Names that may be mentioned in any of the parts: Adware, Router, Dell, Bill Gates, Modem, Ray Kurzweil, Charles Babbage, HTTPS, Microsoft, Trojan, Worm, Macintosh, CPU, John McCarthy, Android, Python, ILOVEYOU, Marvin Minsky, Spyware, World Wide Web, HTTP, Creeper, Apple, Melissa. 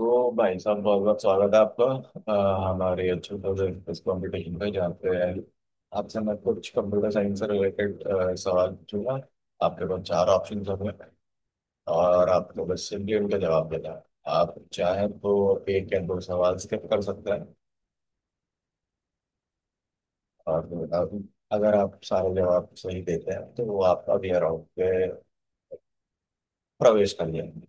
तो भाई साहब बहुत बहुत स्वागत है आपका। हमारे अच्छे इस कंपटीशन पे जहाँ पे आपसे मैं कुछ कंप्यूटर साइंस से रिलेटेड सवाल पूछूंगा। आपके पास चार ऑप्शन होंगे और आपको बस सिंपली उनका जवाब देना है। आप चाहें तो एक या दो सवाल स्किप कर सकते हैं और फिर अगर आप सारे जवाब सही देते हैं तो वो आप अगले राउंड पे प्रवेश कर जाएंगे।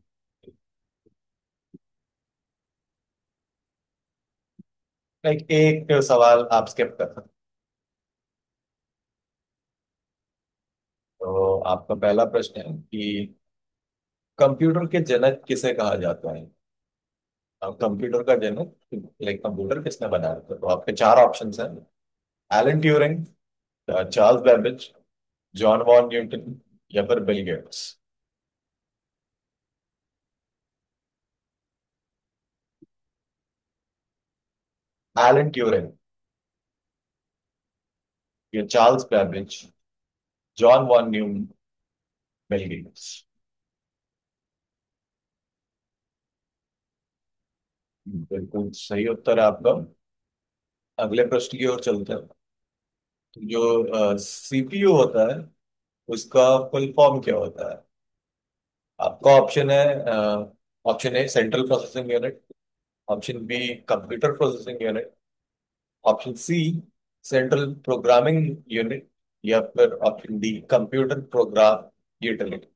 लाइक एक सवाल आप स्किप कर सकते हैं। तो आपका पहला प्रश्न है कि कंप्यूटर के जनक किसे कहा जाता है। अब कंप्यूटर का जनक लाइक कंप्यूटर किसने बनाया था, तो आपके चार ऑप्शंस हैं Alan Turing, Charles Babbage, John von Newton या फिर बिल गेट्स। एलन ट्यूरिंग या Charles Babbage, John von Neu, Bill Gates. बिल्कुल सही उत्तर है आपका। अगले प्रश्न की ओर चलते हैं। तो जो सीपीयू होता है उसका फुल फॉर्म क्या होता है। आपका ऑप्शन है option A central processing unit, Option B, computer processing unit, option C central programming unit या फिर option D computer program utility.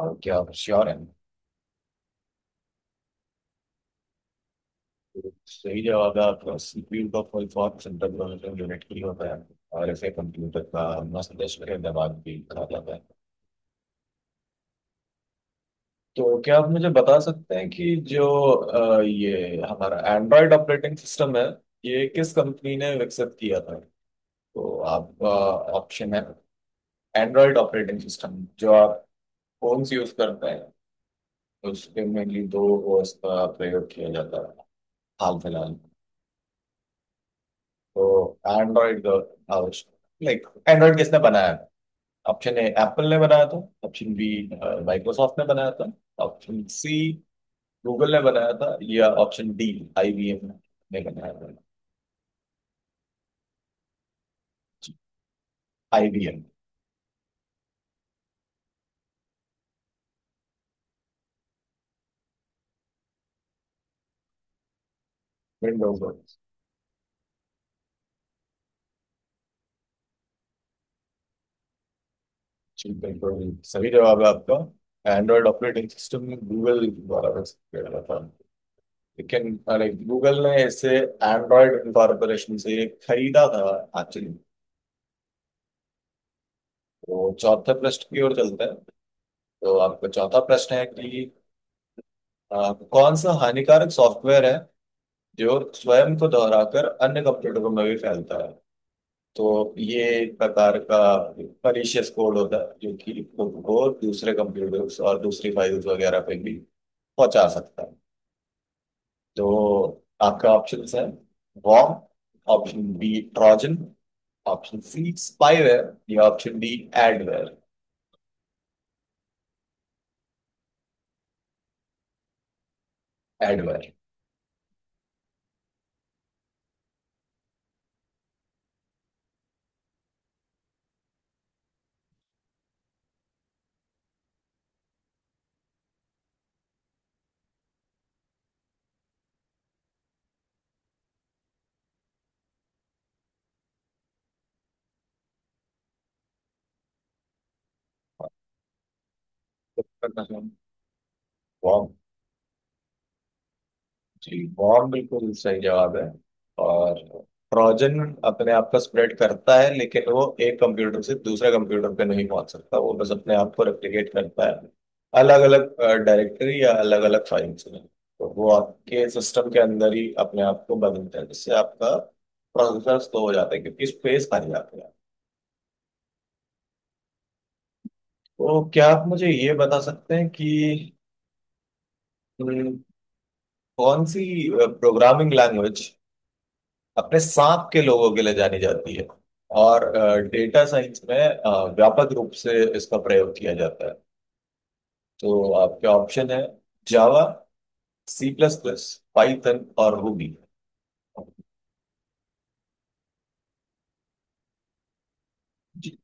और क्या आप श्योर हैं? तो सही जवाब है आपका, सीपीयू का full form central processing unit ही होता है और इसे कंप्यूटर का मस्तिष्क के दिमाग भी कहा जाता है। तो क्या आप मुझे बता सकते हैं कि जो ये हमारा एंड्रॉयड ऑपरेटिंग सिस्टम है, ये किस कंपनी ने विकसित किया था। तो आपका ऑप्शन है, एंड्रॉइड ऑपरेटिंग सिस्टम जो आप फोन से यूज करते हैं, उसके मेनली दो ओएस का प्रयोग किया जाता है हाल फिलहाल। तो एंड्रॉइड लाइक एंड्रॉइड किसने बनाया था? ऑप्शन ए एप्पल ने बनाया था, ऑप्शन बी माइक्रोसॉफ्ट ने बनाया था, ऑप्शन सी गूगल ने बनाया था या ऑप्शन डी आईबीएम ने बनाया था। आईबीएम विंडोज बिल्कुल सही जवाब है आपका। एंड्रॉइड ऑपरेटिंग सिस्टम गूगल द्वारा विकसित किया गया था, लेकिन अरे गूगल ने इसे एंड्रॉयड कॉरपोरेशन से खरीदा था एक्चुअली। तो चौथे प्रश्न की ओर चलते हैं। तो आपका चौथा प्रश्न है कि कौन सा हानिकारक सॉफ्टवेयर है जो स्वयं को दोहराकर अन्य कंप्यूटरों में भी फैलता है। तो ये एक प्रकार का परीशियस कोड होता है जो कि खुद को दूसरे कंप्यूटर्स और दूसरी फाइल्स वगैरह पे भी पहुंचा सकता है। तो आपका ऑप्शन है worm, option B Trojan, option C spyware या option D adware. Adware worm. जी, वॉर्म बिल्कुल सही जवाब है। और ट्रोजन अपने आप को स्प्रेड करता है, लेकिन वो एक कंप्यूटर से दूसरे कंप्यूटर पे नहीं पहुंच सकता, वो बस अपने आप को रेप्लिकेट करता है अलग अलग डायरेक्टरी या अलग अलग फाइल्स में। तो वो आपके सिस्टम के अंदर ही अपने आप को बदलता है, जिससे आपका प्रोसेसर स्लो हो जाता है क्योंकि स्पेस खाली जाती है। तो क्या आप मुझे ये बता सकते हैं कि हम्म, कौन सी प्रोग्रामिंग लैंग्वेज अपने सांप के लोगों के लिए जानी जाती है और डेटा साइंस में व्यापक रूप से इसका प्रयोग किया जाता है। तो आपके ऑप्शन है Java, C plus plus, Python और रूबी। जी,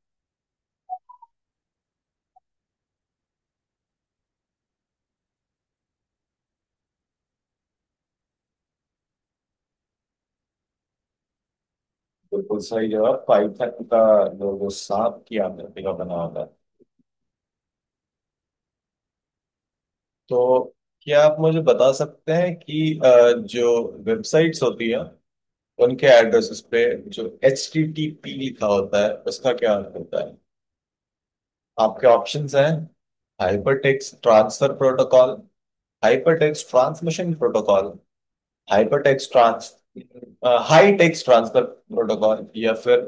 बिल्कुल सही जवाब पाइथन का, जो वो सांप की आकृति का बना होता है। तो क्या आप मुझे बता सकते हैं कि जो वेबसाइट्स होती है उनके एड्रेसेस पे जो एच टी टी पी लिखा होता है उसका क्या अर्थ होता है। आपके ऑप्शंस हैं hypertext transfer protocol, hypertext transmission protocol, hypertext trans hypertext transfer protocol या फिर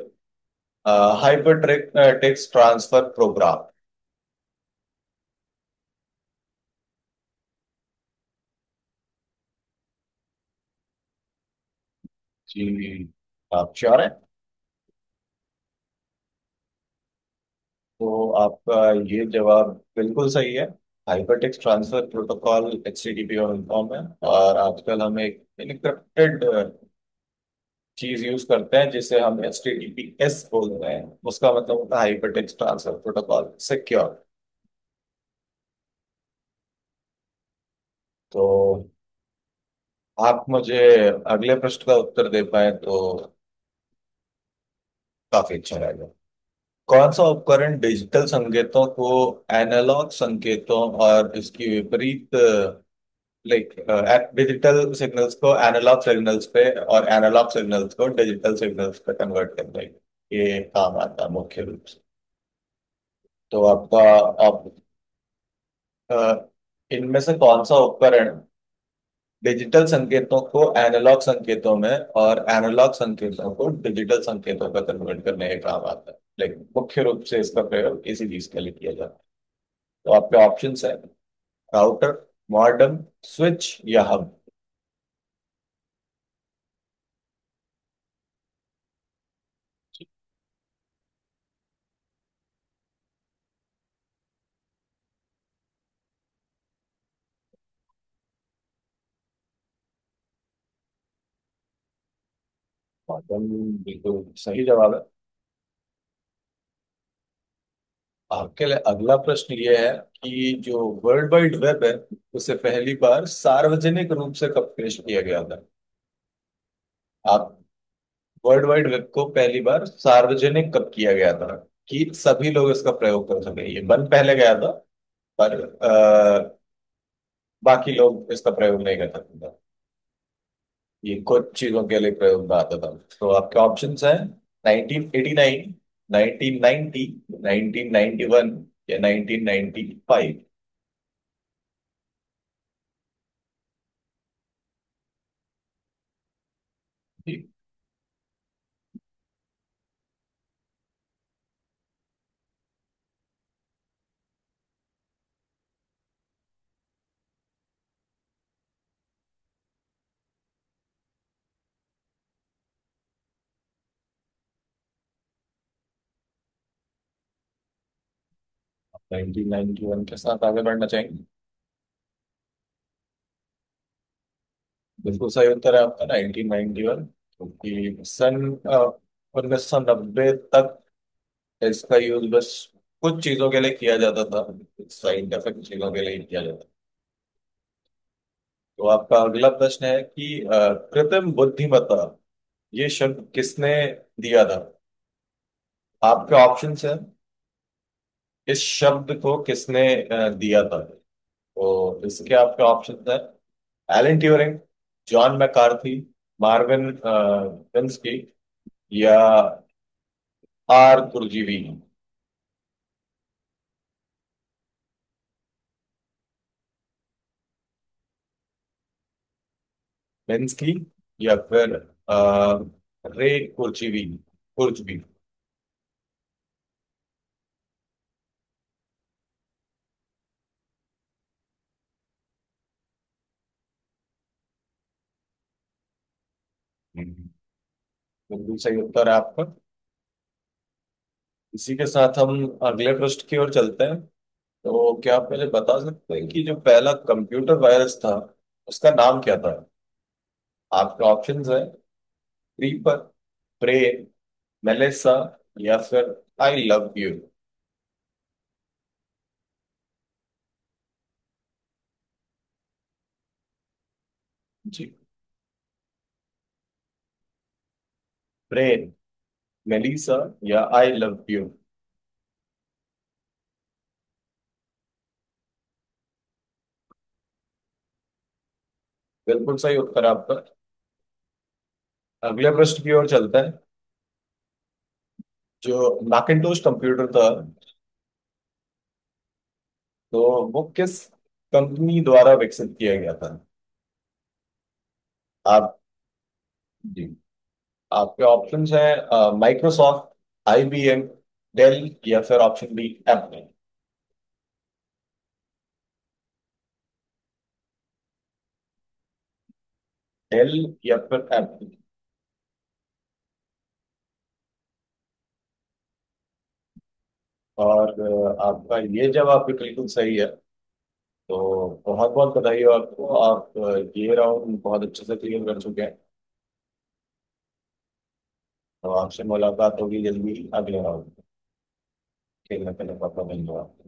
हाइपर टेक्स्ट ट्रांसफर प्रोग्राम। जी, आप श्योर हैं? तो आपका ये जवाब बिल्कुल सही है। Hypertext transfer protocol HTTP form है और आजकल हम एक इनक्रिप्टेड चीज यूज करते हैं जिसे हम H T T P S बोल रहे हैं, उसका मतलब होता है हाइपरटेक्स्ट ट्रांसफर प्रोटोकॉल सिक्योर। तो आप मुझे अगले प्रश्न का उत्तर दे पाए तो काफी अच्छा रहेगा। कौन सा उपकरण डिजिटल संकेतों को एनालॉग संकेतों और इसकी विपरीत, लाइक डिजिटल सिग्नल्स को एनालॉग सिग्नल्स पे और एनालॉग सिग्नल्स को डिजिटल सिग्नल्स पे कन्वर्ट करता है, ये काम आता है मुख्य रूप से। तो आपका आप अ, इनमें से कौन सा उपकरण डिजिटल संकेतों को एनालॉग संकेतों में और एनालॉग संकेतों को डिजिटल संकेतों में कन्वर्ट करने के काम आता है, लेकिन मुख्य रूप से इसका प्रयोग इसी चीज के लिए किया जाता है। तो आपके ऑप्शंस है राउटर, मॉडेम, स्विच या हब। मॉडेम बिल्कुल सही जवाब है। आपके लिए अगला प्रश्न ये है कि जो वर्ल्ड वाइड वेब है उसे पहली बार सार्वजनिक रूप से कब पेश किया गया था। आप वर्ल्ड वाइड वेब को पहली बार सार्वजनिक कब किया गया था कि सभी लोग इसका प्रयोग कर सके, ये बंद पहले गया था पर बाकी लोग इसका प्रयोग नहीं कर सकते थे। ये कुछ चीजों के लिए प्रयोग में आता था। तो आपके ऑप्शंस हैं 1989, 1990, 1991 या 1995। जी, 1991 के साथ आगे बढ़ना चाहेंगे? बिल्कुल सही उत्तर है आपका, 1991। क्योंकि सन 1990 तक इसका यूज बस कुछ चीजों के लिए किया जाता था, साइंटिफिक चीजों के लिए ही किया जाता था। तो आपका अगला प्रश्न है कि कृत्रिम बुद्धिमत्ता ये शब्द किसने दिया था। आपके ऑप्शंस हैं, इस शब्द को किसने दिया था, तो इसके आपके ऑप्शंस हैं Alan Turing, John McCarthy, Marvin Minsky या आर कुरजीवी। मिन्स्की या फिर रे कुरजीवी कुरजीवी। हम्म। बिल्कुल सही उत्तर है आपका। इसी के साथ हम अगले प्रश्न की ओर चलते हैं। तो क्या आप मुझे बता सकते हैं कि जो पहला कंप्यूटर वायरस था उसका नाम क्या था। आपके ऑप्शंस है क्रीपर, प्रे, मेलिसा या फिर आई लव यू। जी, प्रे मेलिसा या आई लव यू। बिल्कुल सही उत्तर है आपका। अगले प्रश्न की ओर चलते हैं। जो मैकिंटोश कंप्यूटर था, तो वो किस कंपनी द्वारा विकसित किया गया था। आप, जी, आपके ऑप्शंस हैं माइक्रोसॉफ्ट, आईबीएम, डेल या फिर ऑप्शन बी एप्पल। डेल या फिर एप्पल। और आपका ये जवाब भी बिल्कुल सही है। तो बहुत बहुत बधाई हो आपको। आप ये राउंड बहुत अच्छे से क्लियर कर चुके हैं। तो आपसे मुलाकात होगी जल्दी अगले राउंड खेलने के लिए। बहुत बहुत धन्यवाद।